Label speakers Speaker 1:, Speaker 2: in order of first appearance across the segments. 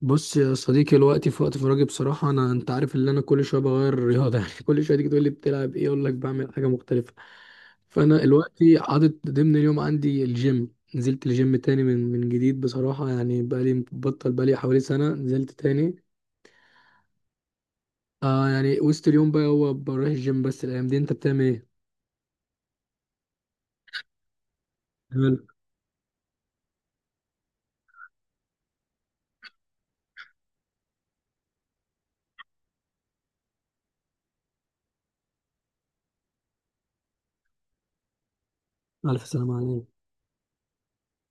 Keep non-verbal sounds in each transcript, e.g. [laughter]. Speaker 1: بص يا صديقي الوقت في وقت فراغي بصراحة، أنا أنت عارف إن أنا كل شوية بغير الرياضة. [laughs] يعني كل شوية تيجي تقول لي بتلعب إيه، أقول لك بعمل حاجة مختلفة. فأنا الوقت حاطط ضمن اليوم عندي الجيم، نزلت الجيم تاني من جديد بصراحة، يعني بقالي بطل بقالي حوالي سنة نزلت تاني. آه يعني وسط اليوم بقى هو بروح الجيم، بس الأيام دي أنت بتعمل إيه؟ حلو. ألف سلامة عليك.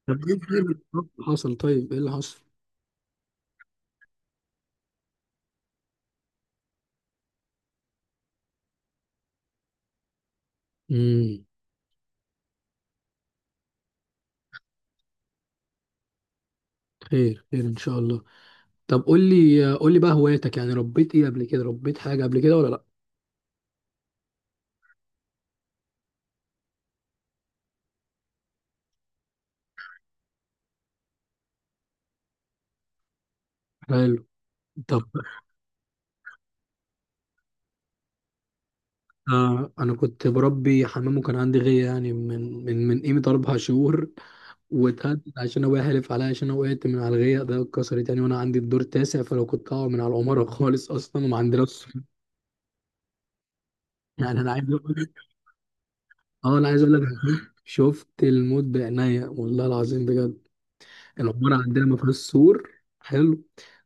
Speaker 1: طب إيه الخير اللي حصل؟ طيب إيه اللي حصل؟ امم. خير خير إن شاء الله. طب قول لي قول لي بقى هواياتك، يعني ربيت ايه قبل كده، ربيت حاجة قبل كده ولا لا؟ حلو. طب آه انا كنت بربي حمام وكان عندي غيه، يعني من قيمة اربع شهور. واتهدد عشان ابويا حلف عليا، عشان انا وقعت من على الغيه ده اتكسرت يعني، وانا عندي الدور تاسع، فلو كنت هقع من على العماره خالص اصلا، وما عندناش. يعني انا عايز اقول اه انا عايز اقول لك، [laughs] شفت الموت بعينيا والله العظيم بجد. العماره عندنا ما فيهاش سور. حلو.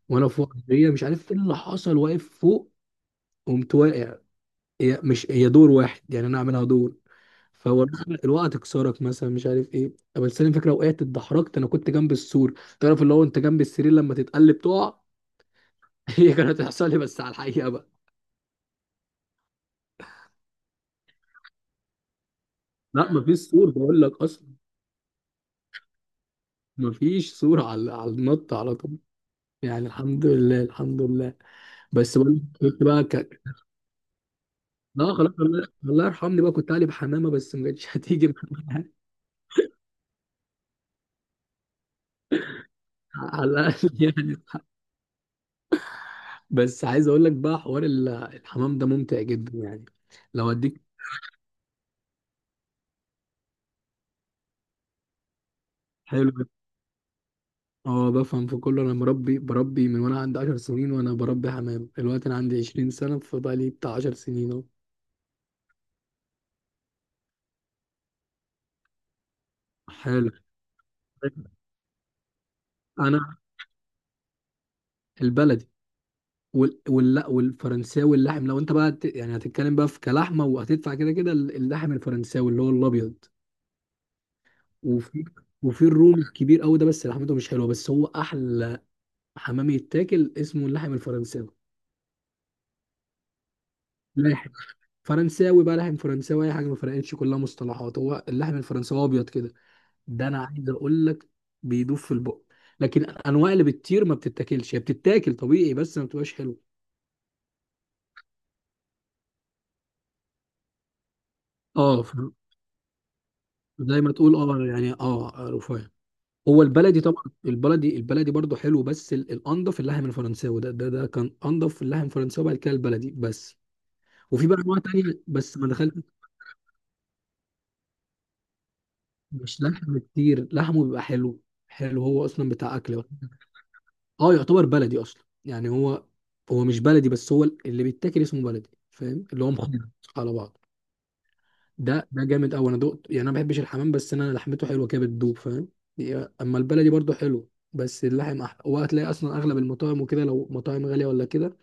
Speaker 1: وانا فوق الغيه مش عارف ايه اللي حصل، واقف فوق قمت واقع. هي مش هي دور واحد، يعني انا اعملها دور، فهو مثلا الوقعه تكسرك مثلا مش عارف ايه. طب بس انا فاكره وقعت اتدحرجت، انا كنت جنب السور. تعرف اللي هو انت جنب السرير لما تتقلب تقع؟ [laughs] هي كانت هتحصل لي بس على الحقيقه بقى. لا مفيش سور بقول لك اصلا. مفيش سور على النط على طول. يعني الحمد لله الحمد لله. بس بقول لك كنت بقى لا خلاص الله الله يرحمني، بقى كنت قالب حمامه بس ما كانتش هتيجي [laughs] معايا. على الاقل يعني. بس عايز اقول لك بقى حوار الحمام ده ممتع جدا يعني. لو اديك. حلو جدا. اه بفهم في كله، انا مربي بربي من وانا عندي 10 سنين، وانا بربي حمام، دلوقتي انا عندي 20 سنه، فبقى لي بتاع 10 سنين اهو. حلو. انا البلدي، والفرنساوي اللحم. لو انت بقى يعني هتتكلم بقى في كلحمه وهتدفع كده كده، اللحم الفرنساوي اللي هو الابيض. وفي وفي الرومي الكبير قوي ده، بس لحمته مش حلوه، بس هو احلى حمام يتاكل اسمه اللحم الفرنساوي. لاحق. فرنساوي بقى لحم فرنساوي، اي حاجه ما فرقتش، كلها مصطلحات، هو اللحم الفرنساوي ابيض كده. ده انا عايز اقول لك، بيدوب في البق. لكن الانواع اللي بتطير ما بتتاكلش، هي بتتاكل طبيعي بس ما بتبقاش حلوه. اه ف- زي ما تقول، اه يعني اه رفاهي. هو البلدي طبعا، البلدي البلدي برضه حلو، بس الانضف اللحم الفرنساوي ده، ده كان انضف، اللحم الفرنساوي بعد كده البلدي بس. وفي بقى انواع تانية بس ما دخلت. مش لحم كتير، لحمه بيبقى حلو، حلو هو اصلا بتاع اكل. اه يعتبر بلدي اصلا يعني. هو مش بلدي، بس هو اللي بيتاكل اسمه بلدي، فاهم؟ اللي هو مخلط على بعض. ده جامد قوي، انا دقت يعني، انا ما بحبش الحمام، بس انا لحمته حلوه كده بتدوب، فاهم؟ اما البلدي برضو حلو، بس اللحم وهتلاقي اصلا اغلب المطاعم وكده، لو مطاعم غاليه ولا كده،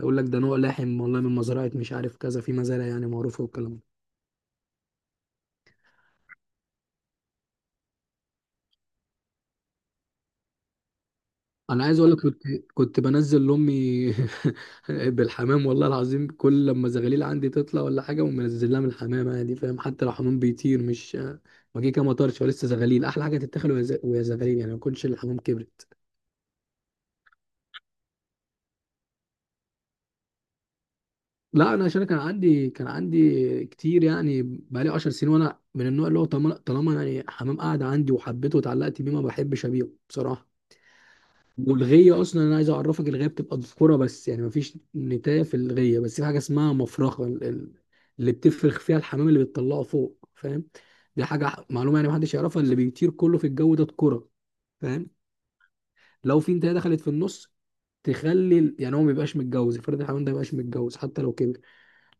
Speaker 1: يقول لك ده نوع لحم والله من مزرعه مش عارف، كذا في مزارع يعني معروفه والكلام. انا عايز اقول لك، كنت بنزل لامي [laughs] بالحمام، والله العظيم. كل لما زغاليل عندي تطلع ولا حاجه، ومنزل لها من الحمام عادي، فاهم؟ حتى لو حمام بيطير مش ما جه كده مطرش، ولسه زغاليل، احلى حاجه تتاكل وهي وهي زغاليل يعني، ما يكونش الحمام كبرت. لا انا عشان كان عندي كتير يعني، بقالي 10 سنين، وانا من النوع اللي هو طالما طالما يعني حمام قاعد عندي وحبيته واتعلقت بيه ما بحبش ابيعه بصراحه. والغيه اصلا انا عايز اعرفك، الغيه بتبقى ذكوره بس يعني، مفيش نتايه في الغيه، بس في حاجه اسمها مفرخه اللي بتفرخ فيها الحمام، اللي بتطلعه فوق، فاهم؟ دي حاجه معلومه يعني محدش يعرفها، اللي بيطير كله في الجو ده ذكوره، فاهم؟ لو في نتايه دخلت في النص، تخلي يعني هو ما يبقاش متجوز، افرض الحمام ده ما يبقاش متجوز حتى لو كبر.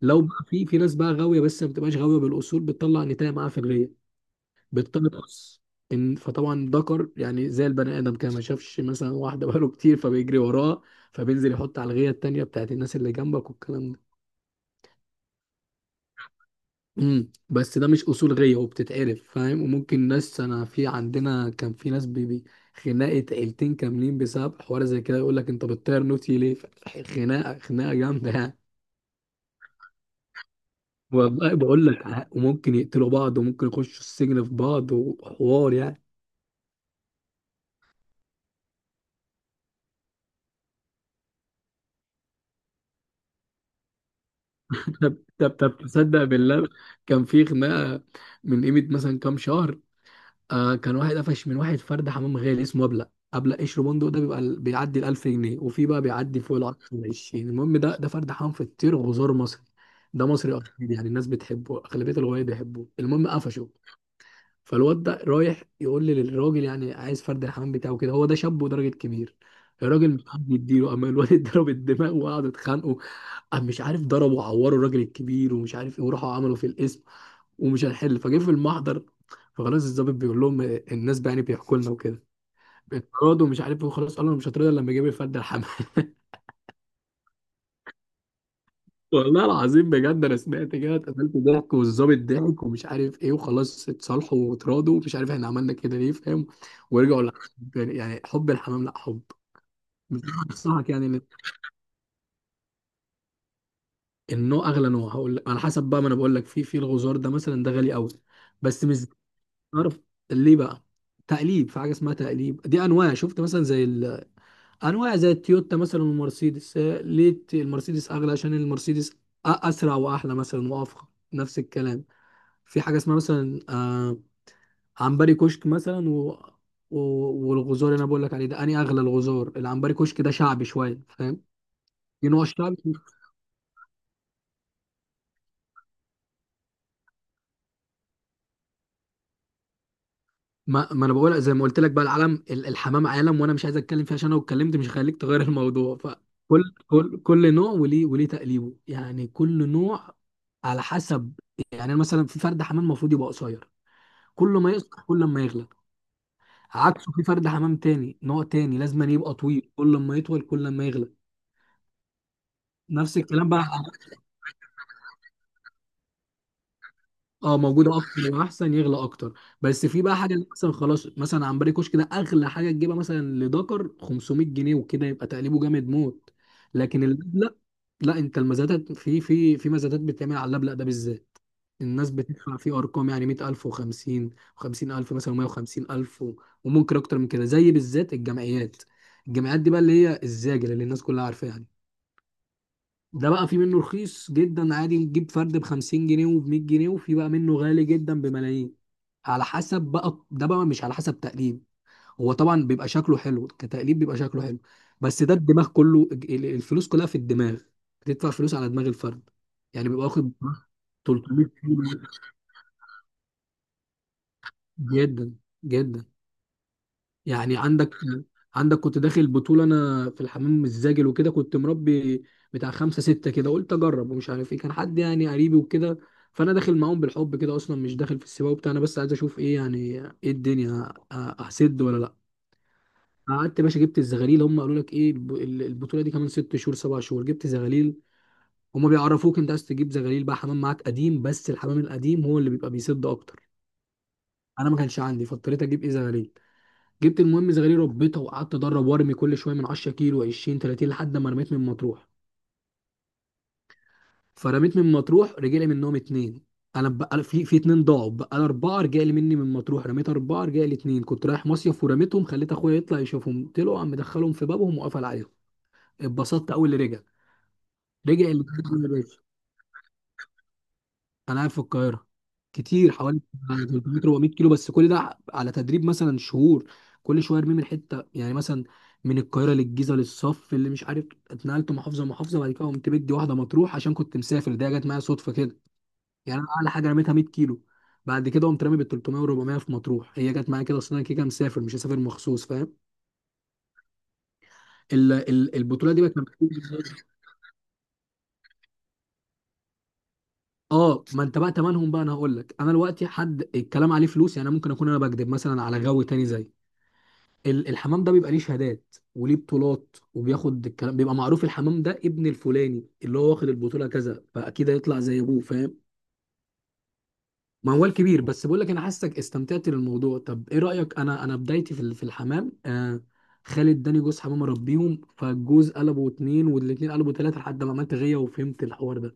Speaker 1: لو بقى في ناس بقى غاويه، بس ما بتبقاش غاويه بالاصول، بتطلع نتايه معاها في الغيه بتقص، ان فطبعا ذكر، يعني زي البني ادم كده، ما شافش مثلا واحده بقاله كتير فبيجري وراها، فبينزل يحط على الغيه التانيه بتاعت الناس اللي جنبك والكلام ده. بس ده مش اصول غيه، وبتتعرف فاهم، وممكن ناس، انا في عندنا كان في ناس بيبي خناقه عيلتين كاملين بسبب حوار زي كده، يقول لك انت بتطير نوتي ليه خناقه خناقه جامده يعني. والله بقول لك، وممكن يقتلوا بعض، وممكن يخشوا السجن في بعض وحوار يعني. طب تصدق بالله، كان في خناقه من قيمه مثلا كام شهر، آه، كان واحد قفش من واحد فرد حمام غالي اسمه ابلق، قشر بندق، ده بيبقى بيعدي ال 1000 جنيه، وفي بقى بيعدي فوق ال 10 20، المهم ده فرد حمام في الطير، وزار مصري. ده مصري اصيل يعني، الناس بتحبه، اغلبيه الغوايه بيحبوه، المهم قفشه. فالواد ده رايح يقول لي للراجل، يعني عايز فرد الحمام بتاعه كده، هو ده شاب وراجل كبير. الراجل مش عارف يديله، اما [laughs] الواد اتضرب الدماغ وقعدوا يتخانقوا. قام مش عارف ضربوا وعوروا الراجل الكبير ومش عارف ايه، وراحوا عملوا في القسم، ومش هنحل فجه في المحضر. فخلاص الضابط بيقول لهم الناس بقى يعني بيحكوا لنا وكده، اتراضوا ومش عارف ايه، وخلاص قالوا أنا مش هترضى إلا لما يجيب لي فرد الحمام. والله العظيم بجد، انا سمعت كده اتقفلت ضحك، والظابط ضحك ومش عارف ايه، وخلاص اتصالحوا واتراضوا ومش عارف احنا عملنا كده ليه، فاهم؟ ورجعوا للحب يعني، يعني حب الحمام، لا حب. بنصحك يعني ان النوع اغلى نوع، هقول لك على حسب بقى، ما انا بقول لك، في الغزار ده مثلا ده غالي قوي، بس مش عارف ليه بقى. تقليب، في حاجه اسمها تقليب، دي انواع، شفت مثلا زي انواع زي التويوتا مثلا والمرسيدس. آه، ليه المرسيدس اغلى؟ عشان المرسيدس اسرع واحلى مثلا وافخم، نفس الكلام. في حاجه اسمها مثلا آه عنبري كشك مثلا، و... والغزار اللي انا بقول لك عليه ده اني اغلى الغزار، العنبري كشك ده شعبي شويه، فاهم؟ في نوع الشعبي. ما انا بقول زي ما قلت لك بقى، العالم الحمام عالم، وانا مش عايز اتكلم فيه عشان لو اتكلمت مش هخليك تغير [laughs] الموضوع. فكل كل كل نوع وليه تقليبه يعني، كل نوع على حسب. يعني أنا مثلا في فرد حمام المفروض يبقى قصير، كل ما يقصر كل ما يغلى. عكسه في فرد حمام تاني نوع تاني، لازم أن يبقى طويل، كل ما يطول كل ما يغلى، نفس الكلام بقى. اه موجوده اكتر واحسن يغلى اكتر. بس في بقى حاجه، اللي مثلا خلاص مثلا عنبري كشك ده اغلى حاجه تجيبها مثلا لدكر 500 جنيه وكده، يبقى تقليبه جامد موت. لكن اللبلق، لا انت المزادات في مزادات بتتعمل على اللبلق ده بالذات. الناس بتدفع فيه ارقام يعني 100000 و50 و50000 مثلا و150000 وممكن اكتر من كده، زي بالذات الجمعيات. الجمعيات دي بقى اللي هي الزاجل، اللي الناس كلها عارفاها. ده بقى في منه رخيص جدا عادي، نجيب فرد ب 50 جنيه وب 100 جنيه، وفي بقى منه غالي جدا بملايين، على حسب بقى، ده بقى مش على حسب تقليد. هو طبعا بيبقى شكله حلو، كتقليد بيبقى شكله حلو، بس ده الدماغ كله، الفلوس كلها في الدماغ، بتدفع فلوس على دماغ الفرد يعني، بيبقى واخد 300 جنيه جدا جدا يعني. عندك، كنت داخل بطولة أنا في الحمام الزاجل وكده، كنت مربي بتاع خمسة ستة كده، قلت أجرب ومش عارف إيه، كان حد يعني قريبي وكده. فأنا داخل معاهم بالحب كده أصلا، مش داخل في السباق وبتاع، أنا بس عايز أشوف إيه يعني، إيه الدنيا أسد ولا لأ. قعدت يا باشا جبت الزغاليل، هم قالوا لك إيه البطولة دي كمان ست شهور سبع شهور، جبت زغاليل. هم بيعرفوك أنت عايز تجيب زغاليل بقى، حمام معاك قديم، بس الحمام القديم هو اللي بيبقى بيسد أكتر. أنا ما كانش عندي فاضطريت أجيب إيه زغاليل، جبت المهم زغالية ربيتها، وقعدت ادرب وارمي كل شويه من 10 كيلو 20 30 لحد ما رميت من مطروح. فرميت من مطروح رجع لي منهم اتنين. انا بقى في اتنين ضاعوا بقى، أنا اربعه رجع لي مني من مطروح، رميت اربعه رجع لي اتنين. كنت رايح مصيف ورميتهم، خليت اخويا يطلع يشوفهم، طلعوا عم مدخلهم في بابهم وقفل عليهم، اتبسطت اول اللي رجع. رجع اللي انا قاعد في القاهره، كتير حوالي 300 400 كيلو، بس كل ده على تدريب مثلا شهور، كل شويه ارميه من حته يعني، مثلا من القاهره للجيزه للصف اللي مش عارف، اتنقلت محافظه محافظه بعد كده قمت بدي واحده مطروح عشان كنت مسافر، ده جت معايا صدفه كده. يعني انا اعلى حاجه رميتها 100 كيلو، بعد كده قمت رامي بال 300 و400 في مطروح، هي جت معايا كده، اصل انا كده كده مسافر مش هسافر مخصوص، فاهم؟ البطوله دي بقى كانت، اه ما انت بقى تمنهم بقى، انا هقول لك، انا دلوقتي حد الكلام عليه فلوس يعني، أنا ممكن اكون انا بكذب مثلا على غاوي تاني، زي الحمام ده بيبقى ليه شهادات وليه بطولات، وبياخد الكلام بيبقى معروف، الحمام ده ابن الفلاني اللي هو واخد البطولة كذا، فأكيد هيطلع زي أبوه، فاهم؟ موال كبير بس بقول لك، أنا حاسك استمتعت بالموضوع، طب إيه رأيك؟ أنا بدايتي في في الحمام، آه، خالد اداني جوز حمام أربيهم، فالجوز قلبوا اتنين والاتنين قلبوا تلاتة لحد ما عملت غية وفهمت الحوار ده.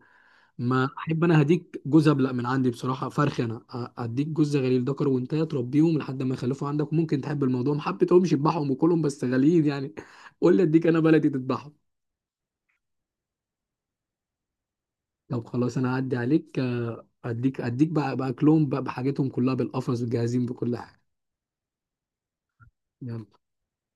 Speaker 1: ما احب انا هديك جوز ابلق من عندي بصراحه فرخ، انا اديك جوز غليل ذكر، وانت تربيهم لحد ما يخلفوا عندك، وممكن تحب الموضوع، ما حبيتهمش اذبحهم وكلهم، بس غاليين يعني. [laughs] قول لي اديك انا بلدي تذبحهم. طب خلاص انا هعدي عليك آه، اديك بقى باكلهم بقى، بحاجتهم كلها بالقفص وجاهزين بكل حاجه. يلا.